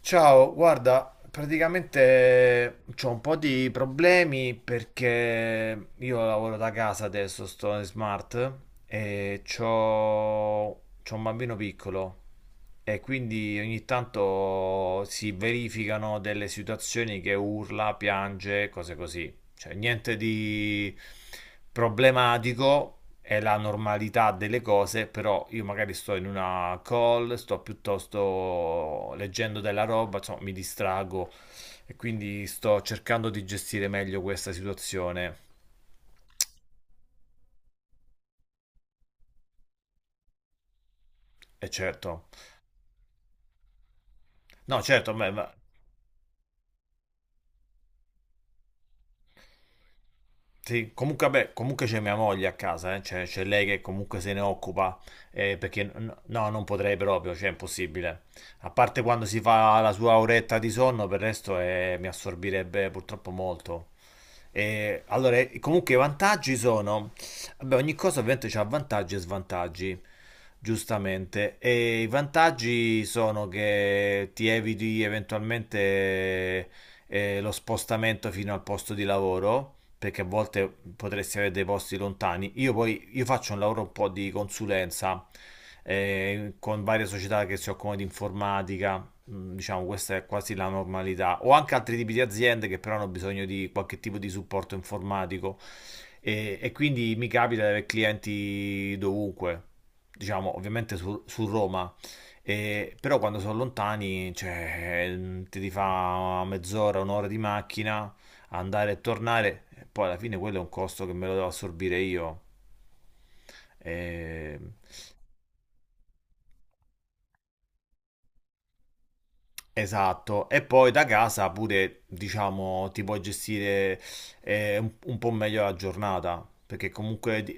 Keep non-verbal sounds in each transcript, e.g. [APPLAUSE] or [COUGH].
Ciao, guarda, praticamente ho un po' di problemi perché io lavoro da casa adesso, sto in smart e c'ho un bambino piccolo e quindi ogni tanto si verificano delle situazioni che urla, piange, cose così. Cioè, niente di problematico, è la normalità delle cose, però io magari sto in una call, sto piuttosto leggendo della roba, insomma, mi distrago e quindi sto cercando di gestire meglio questa situazione. E certo, no, certo. Sì, comunque, vabbè, comunque c'è mia moglie a casa, cioè, c'è lei che comunque se ne occupa, perché no, non potrei proprio, cioè è impossibile. A parte quando si fa la sua oretta di sonno, per il resto mi assorbirebbe purtroppo molto. E, allora, comunque i vantaggi sono, vabbè, ogni cosa ovviamente ha vantaggi e svantaggi, giustamente. E i vantaggi sono che ti eviti eventualmente lo spostamento fino al posto di lavoro, perché a volte potresti avere dei posti lontani. Io poi io faccio un lavoro un po' di consulenza con varie società che si occupano di informatica, diciamo questa è quasi la normalità, o anche altri tipi di aziende che però hanno bisogno di qualche tipo di supporto informatico e quindi mi capita di avere clienti dovunque, diciamo ovviamente su, Roma. Però quando sono lontani, cioè, ti fa mezz'ora, un'ora di macchina, andare e tornare, e poi alla fine quello è un costo che me lo devo assorbire io. E- Esatto, e poi da casa pure, diciamo, ti puoi gestire un po' meglio la giornata, perché comunque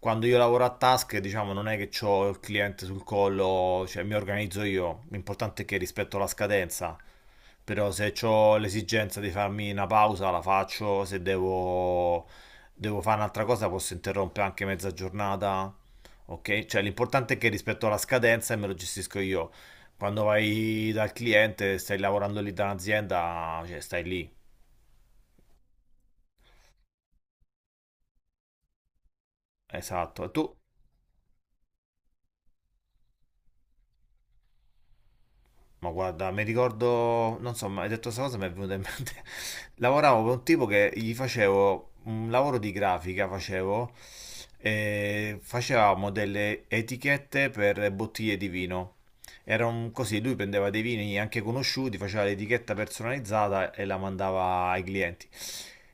quando io lavoro a task, diciamo, non è che ho il cliente sul collo, cioè mi organizzo io, l'importante è che rispetto la scadenza, però se ho l'esigenza di farmi una pausa la faccio, se devo, devo fare un'altra cosa posso interrompere anche mezza giornata, ok? Cioè l'importante è che rispetto alla scadenza e me lo gestisco io. Quando vai dal cliente, stai lavorando lì da un'azienda, cioè stai lì. Esatto. E tu? Ma guarda, mi ricordo, non so, ma hai detto questa cosa, mi è venuta in mente. [LAUGHS] Lavoravo per un tipo che gli facevo un lavoro di grafica, facevo, e facevamo delle etichette per bottiglie di vino. Era un così, lui prendeva dei vini anche conosciuti, faceva l'etichetta personalizzata e la mandava ai clienti.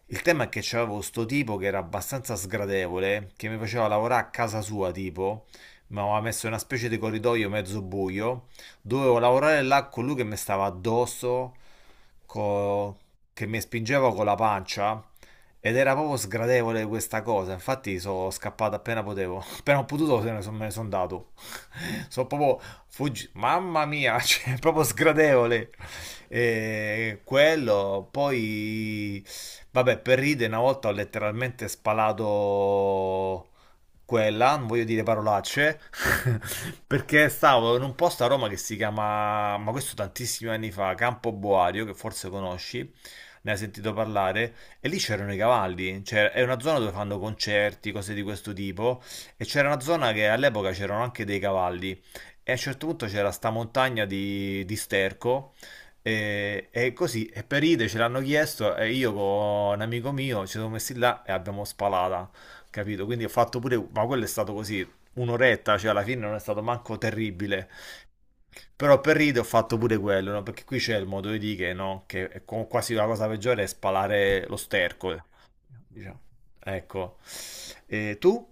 Il tema è che c'avevo sto tipo che era abbastanza sgradevole, che mi faceva lavorare a casa sua, tipo, mi aveva messo in una specie di corridoio mezzo buio, dovevo lavorare là con lui che mi stava addosso, co- che mi spingeva con la pancia, ed era proprio sgradevole questa cosa. Infatti sono scappato appena potevo, [LAUGHS] appena ho potuto se ne son- me ne sono andato. [LAUGHS] Sono proprio fuggito, mamma mia, [LAUGHS] cioè, è proprio sgradevole. E quello, poi, vabbè, per ride una volta ho letteralmente spalato quella, non voglio dire parolacce, [LAUGHS] perché stavo in un posto a Roma che si chiama, ma questo tantissimi anni fa, Campo Boario, che forse conosci, ne hai sentito parlare, e lì c'erano i cavalli, cioè è una zona dove fanno concerti, cose di questo tipo, e c'era una zona che all'epoca c'erano anche dei cavalli, e a un certo punto c'era sta montagna di sterco, e così, e per ide ce l'hanno chiesto, e io con un amico mio ci siamo messi là e abbiamo spalata, capito? Quindi ho fatto pure, ma quello è stato così, un'oretta, cioè alla fine non è stato manco terribile, però per ride ho fatto pure quello, no? Perché qui c'è il modo di dire, no? Che è quasi la cosa peggiore è spalare lo sterco, diciamo. Ecco. E tu?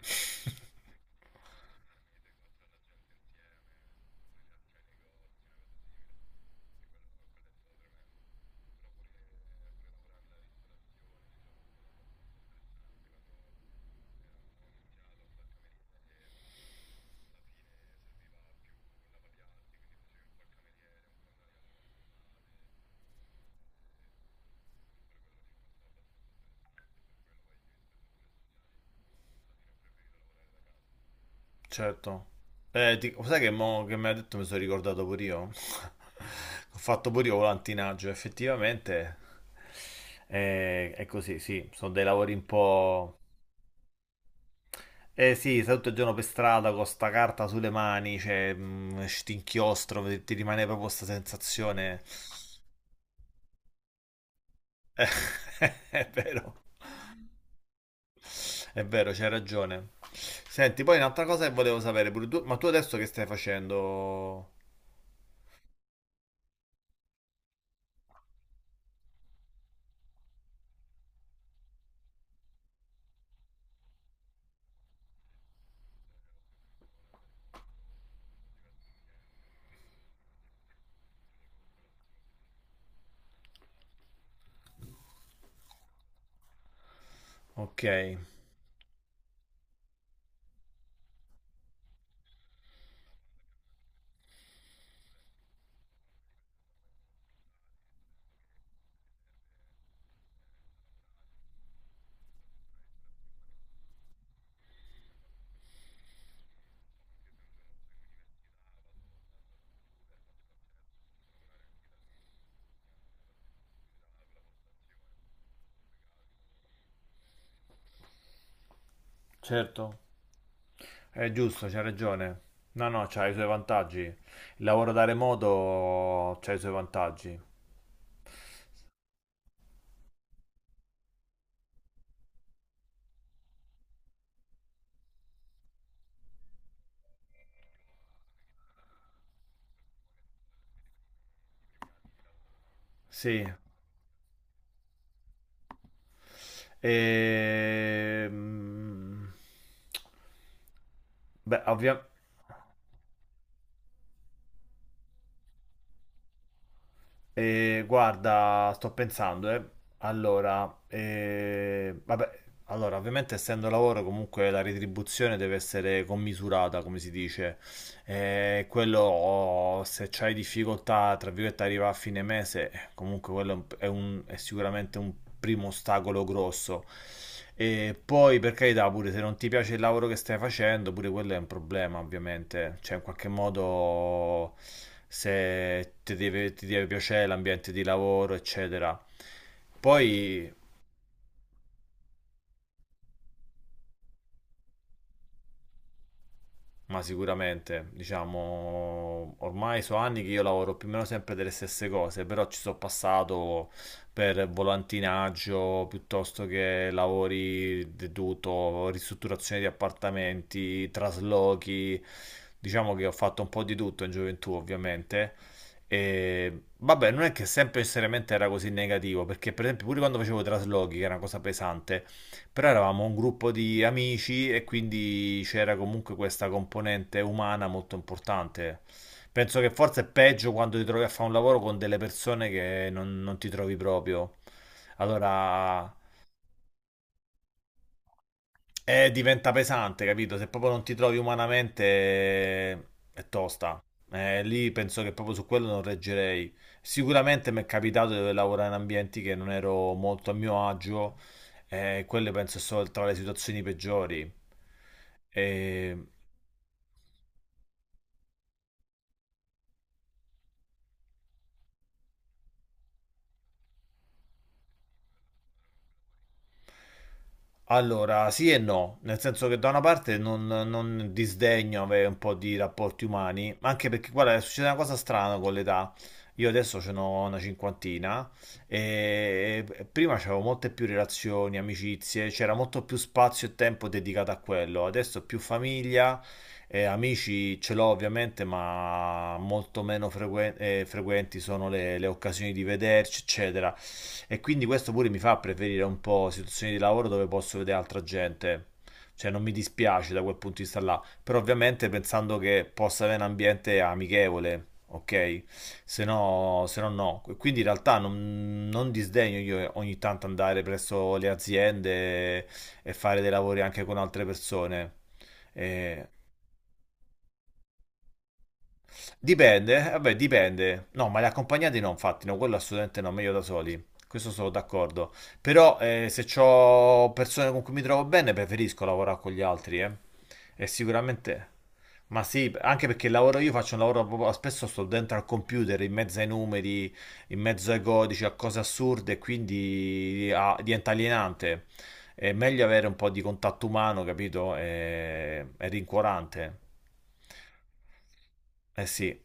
[LAUGHS] Certo. Sai che, mo che mi ha detto mi sono ricordato pure io? [LAUGHS] Ho fatto pure io volantinaggio, effettivamente è così, sì, sono dei lavori un po'... Eh sì, stai tutto il giorno per strada con sta carta sulle mani, cioè, stinchiostro, ti rimane proprio questa sensazione. [LAUGHS] È vero, è vero, c'hai ragione. Senti, poi un'altra cosa che volevo sapere pure tu, ma tu adesso che stai facendo? Ok, certo. È giusto, c'hai ragione. No, no, c'ha i suoi vantaggi. Il lavoro da remoto c'ha i suoi vantaggi. Sì. Ehm, Beh, ovviamente, guarda, sto pensando, eh. Allora, vabbè, allora, ovviamente essendo lavoro comunque la retribuzione deve essere commisurata, come si dice. E quello, oh, se c'hai difficoltà, tra virgolette, arriva a fine mese, comunque quello è, è sicuramente un primo ostacolo grosso. E poi, per carità, pure se non ti piace il lavoro che stai facendo, pure quello è un problema, ovviamente. Cioè, in qualche modo, se ti deve, ti deve piacere l'ambiente di lavoro, eccetera. Poi, Ma sicuramente, diciamo, ormai sono anni che io lavoro più o meno sempre delle stesse cose, però ci sono passato per volantinaggio piuttosto che lavori deduto, ristrutturazione di appartamenti, traslochi, diciamo che ho fatto un po' di tutto in gioventù, ovviamente. E vabbè, non è che sempre necessariamente era così negativo, perché per esempio pure quando facevo traslochi, che era una cosa pesante, però eravamo un gruppo di amici e quindi c'era comunque questa componente umana molto importante. Penso che forse è peggio quando ti trovi a fare un lavoro con delle persone che non ti trovi proprio. Allora, diventa pesante, capito? Se proprio non ti trovi umanamente, eh, è tosta. Lì penso che proprio su quello non reggerei. Sicuramente mi è capitato di lavorare in ambienti che non ero molto a mio agio, quelle penso sono tra le situazioni peggiori. Eh, Allora, sì e no, nel senso che da una parte non disdegno avere un po' di rapporti umani, ma anche perché guarda, succede una cosa strana con l'età. Io adesso ce n'ho una cinquantina e prima c'avevo molte più relazioni, amicizie, c'era molto più spazio e tempo dedicato a quello. Adesso più famiglia, e amici ce l'ho ovviamente, ma molto meno frequenti sono le occasioni di vederci, eccetera. E quindi questo pure mi fa preferire un po' situazioni di lavoro dove posso vedere altra gente. Cioè non mi dispiace da quel punto di vista là, però ovviamente pensando che possa avere un ambiente amichevole, ok? Se no, se no no. Quindi in realtà non disdegno io ogni tanto andare presso le aziende e fare dei lavori anche con altre persone. Eh, Dipende, vabbè, dipende. No, ma le accompagnate no, infatti, no, quello assolutamente no, meglio da soli. Questo sono d'accordo. Però, se ho persone con cui mi trovo bene, preferisco lavorare con gli altri, eh. E sicuramente... Ma sì, anche perché il lavoro, io faccio un lavoro proprio, spesso sto dentro al computer, in mezzo ai numeri, in mezzo ai codici, a cose assurde, e quindi diventa alienante. È meglio avere un po' di contatto umano, capito? È rincuorante. Eh sì.